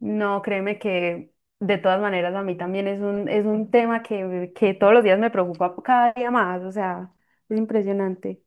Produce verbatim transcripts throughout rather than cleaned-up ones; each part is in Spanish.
No, créeme que de todas maneras a mí también es un, es un tema que, que todos los días me preocupa cada día más, o sea, es impresionante.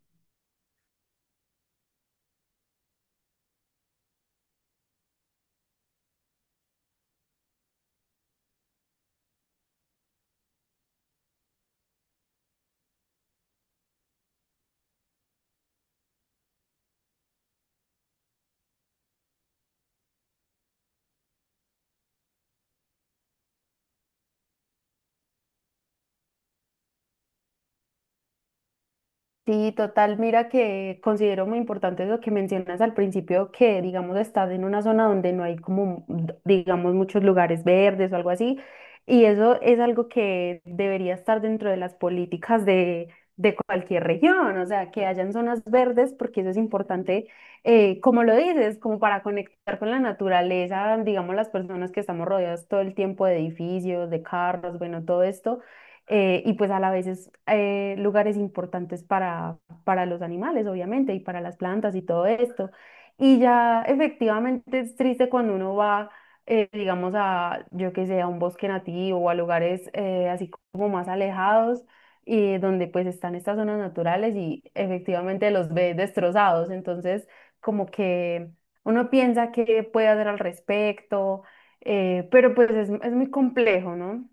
Sí, total. Mira que considero muy importante lo que mencionas al principio, que digamos estás en una zona donde no hay como, mm, digamos, muchos lugares verdes o algo así. Y eso es algo que debería estar dentro de las políticas de, de cualquier región, o sea, que hayan zonas verdes, porque eso es importante, eh, como lo dices, como para conectar con la naturaleza, digamos, las personas que estamos rodeadas todo el tiempo de edificios, de carros, bueno, todo esto eh, y pues a la vez es eh, lugares importantes para, para los animales, obviamente, y para las plantas y todo esto. Y ya efectivamente es triste cuando uno va, eh, digamos, a, yo qué sé, a un bosque nativo o a lugares eh, así como más alejados, y donde pues están estas zonas naturales y efectivamente los ve destrozados. Entonces, como que uno piensa qué puede hacer al respecto, eh, pero pues es, es muy complejo, ¿no?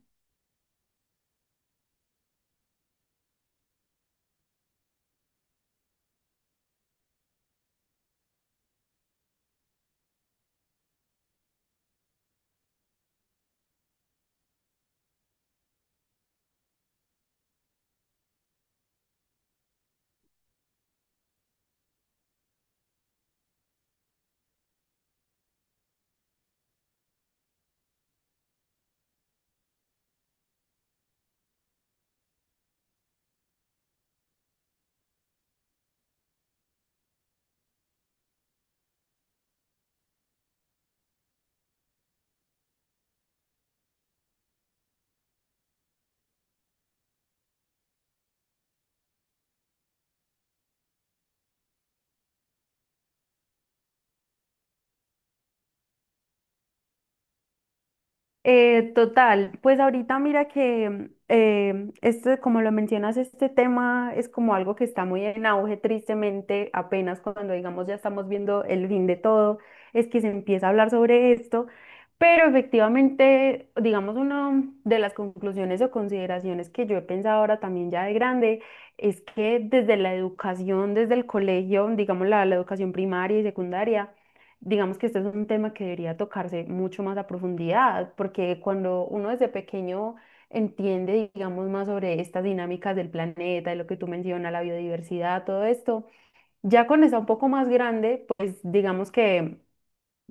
Eh, total, pues ahorita mira que eh, este, como lo mencionas, este tema es como algo que está muy en auge, tristemente, apenas cuando digamos ya estamos viendo el fin de todo, es que se empieza a hablar sobre esto, pero efectivamente, digamos, una de las conclusiones o consideraciones que yo he pensado ahora también ya de grande es que desde la educación, desde el colegio, digamos la la educación primaria y secundaria, digamos que este es un tema que debería tocarse mucho más a profundidad, porque cuando uno desde pequeño entiende, digamos, más sobre estas dinámicas del planeta, de lo que tú mencionas, la biodiversidad, todo esto, ya con esa un poco más grande, pues digamos que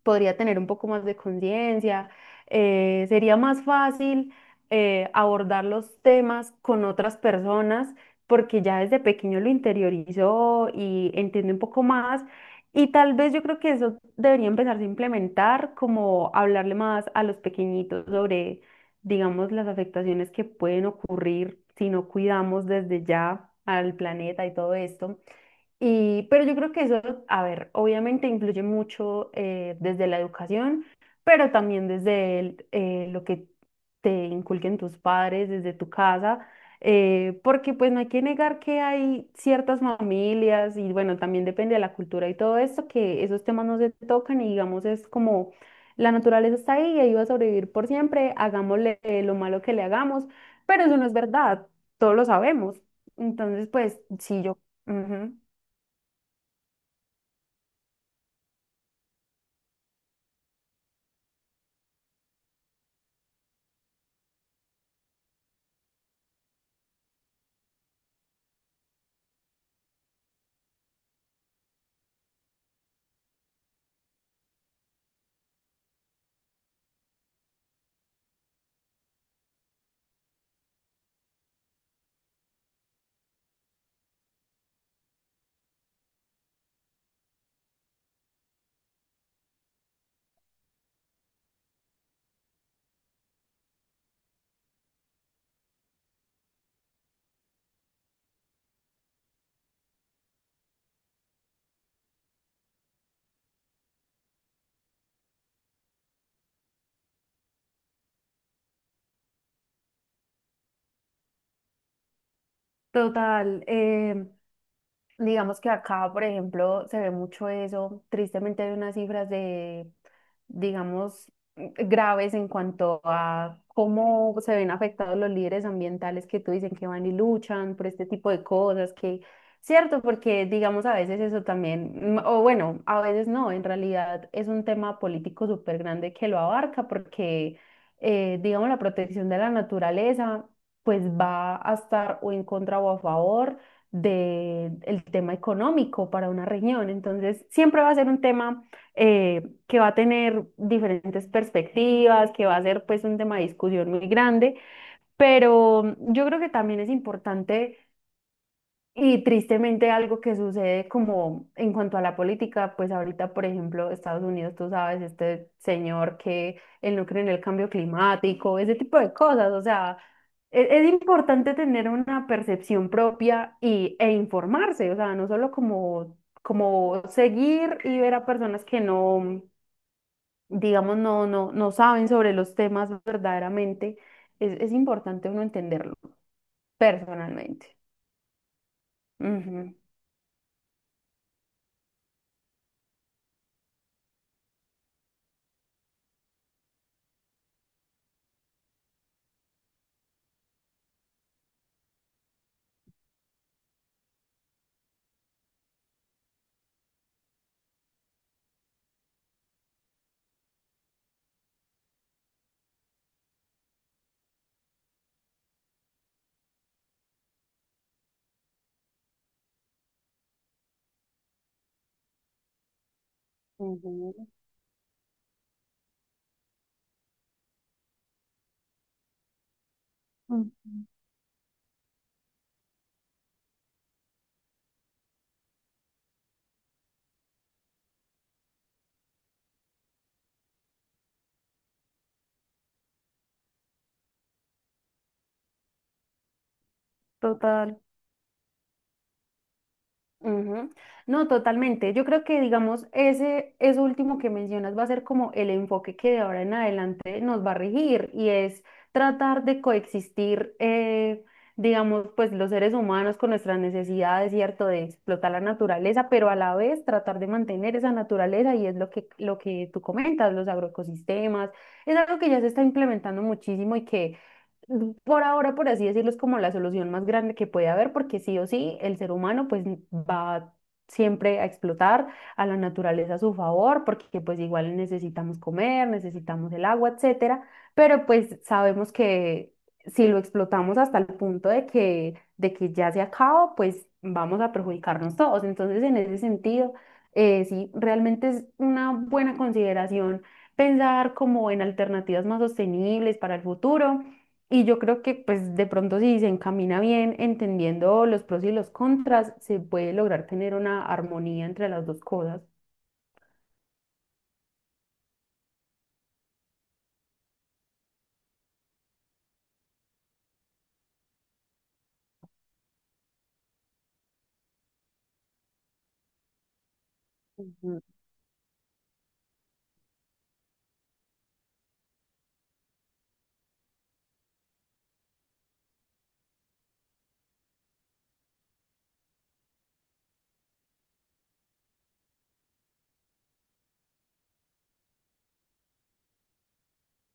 podría tener un poco más de conciencia, eh, sería más fácil eh, abordar los temas con otras personas porque ya desde pequeño lo interiorizó y entiende un poco más. Y tal vez yo creo que eso debería empezarse a implementar, como hablarle más a los pequeñitos sobre, digamos, las afectaciones que pueden ocurrir si no cuidamos desde ya al planeta y todo esto. Y, pero yo creo que eso, a ver, obviamente influye mucho eh, desde la educación, pero también desde el, eh, lo que te inculquen tus padres, desde tu casa, eh, porque pues no hay que negar que hay ciertas familias y bueno, también depende de la cultura y todo esto, que esos temas no se tocan y digamos es como la naturaleza está ahí y ahí va a sobrevivir por siempre, hagámosle eh, lo malo que le hagamos, pero eso no es verdad, todos lo sabemos. Entonces, pues sí, yo... ujú. Total. Eh, digamos que acá, por ejemplo, se ve mucho eso. Tristemente hay unas cifras de, digamos, graves en cuanto a cómo se ven afectados los líderes ambientales que tú dicen que van y luchan por este tipo de cosas, que, cierto, porque digamos a veces eso también, mm, o bueno, a veces no, en realidad es un tema político súper grande que lo abarca porque, eh, digamos, la protección de la naturaleza pues va a estar o en contra o a favor del tema económico para una región. Entonces, siempre va a ser un tema eh, que va a tener diferentes perspectivas, que va a ser pues un tema de discusión muy grande, pero yo creo que también es importante y tristemente algo que sucede como en cuanto a la política, pues ahorita, por ejemplo, Estados Unidos, tú sabes, este señor que él no cree en el cambio climático, ese tipo de cosas, o sea, e- es, importante tener una percepción propia y, e informarse, o sea, no solo como, como seguir y ver a personas que no, digamos, no, no, no saben sobre los temas verdaderamente, es, es importante uno entenderlo personalmente. Ujú. Ujú. Ujú. Total. Ujú. No, totalmente. Yo creo que, digamos, ese, eso último que mencionas va a ser como el enfoque que de ahora en adelante nos va a regir y es tratar de coexistir, eh, digamos, pues los seres humanos con nuestras necesidades, ¿cierto? De explotar la naturaleza, pero a la vez tratar de mantener esa naturaleza y es lo que, lo que tú comentas, los agroecosistemas. Es algo que ya se está implementando muchísimo y que por ahora, por así decirlo, es como la solución más grande que puede haber, porque sí o sí, el ser humano pues va siempre a explotar a la naturaleza a su favor, porque pues igual necesitamos comer, necesitamos el agua, etcétera, pero pues sabemos que si lo explotamos hasta el punto de que, de que ya se acaba, pues vamos a perjudicarnos todos. Entonces, en ese sentido, eh, sí, realmente es una buena consideración pensar como en alternativas más sostenibles para el futuro y yo creo que pues de pronto si se encamina bien entendiendo los pros y los contras, se puede lograr tener una armonía entre las dos cosas. Ujú,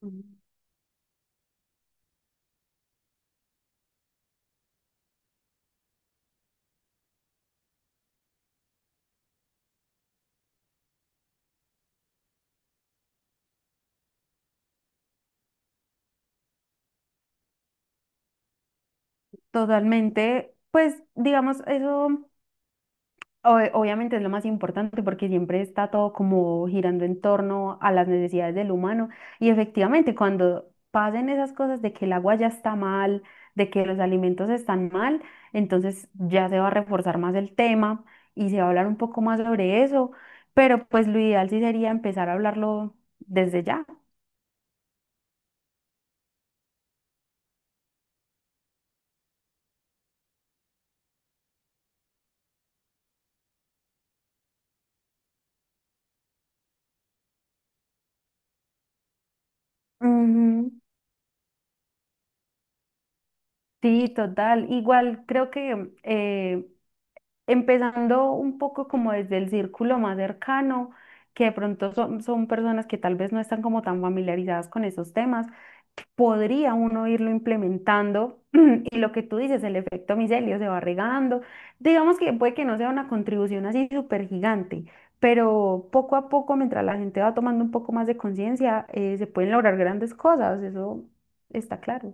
ujú. Totalmente, pues digamos eso, o- obviamente es lo más importante porque siempre está todo como girando en torno a las necesidades del humano y efectivamente cuando pasen esas cosas de que el agua ya está mal, de que los alimentos están mal, entonces ya se va a reforzar más el tema y se va a hablar un poco más sobre eso, pero pues lo ideal sí sería empezar a hablarlo desde ya. Ujú. Sí, total. Igual creo que eh, empezando un poco como desde el círculo más cercano, que de pronto son, son personas que tal vez no están como tan familiarizadas con esos temas, podría uno irlo implementando y lo que tú dices, el efecto micelio se va regando. Digamos que puede que no sea una contribución así súper gigante, pero poco a poco, mientras la gente va tomando un poco más de conciencia, eh, se pueden lograr grandes cosas, eso está claro.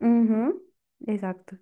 Ujú, exacto.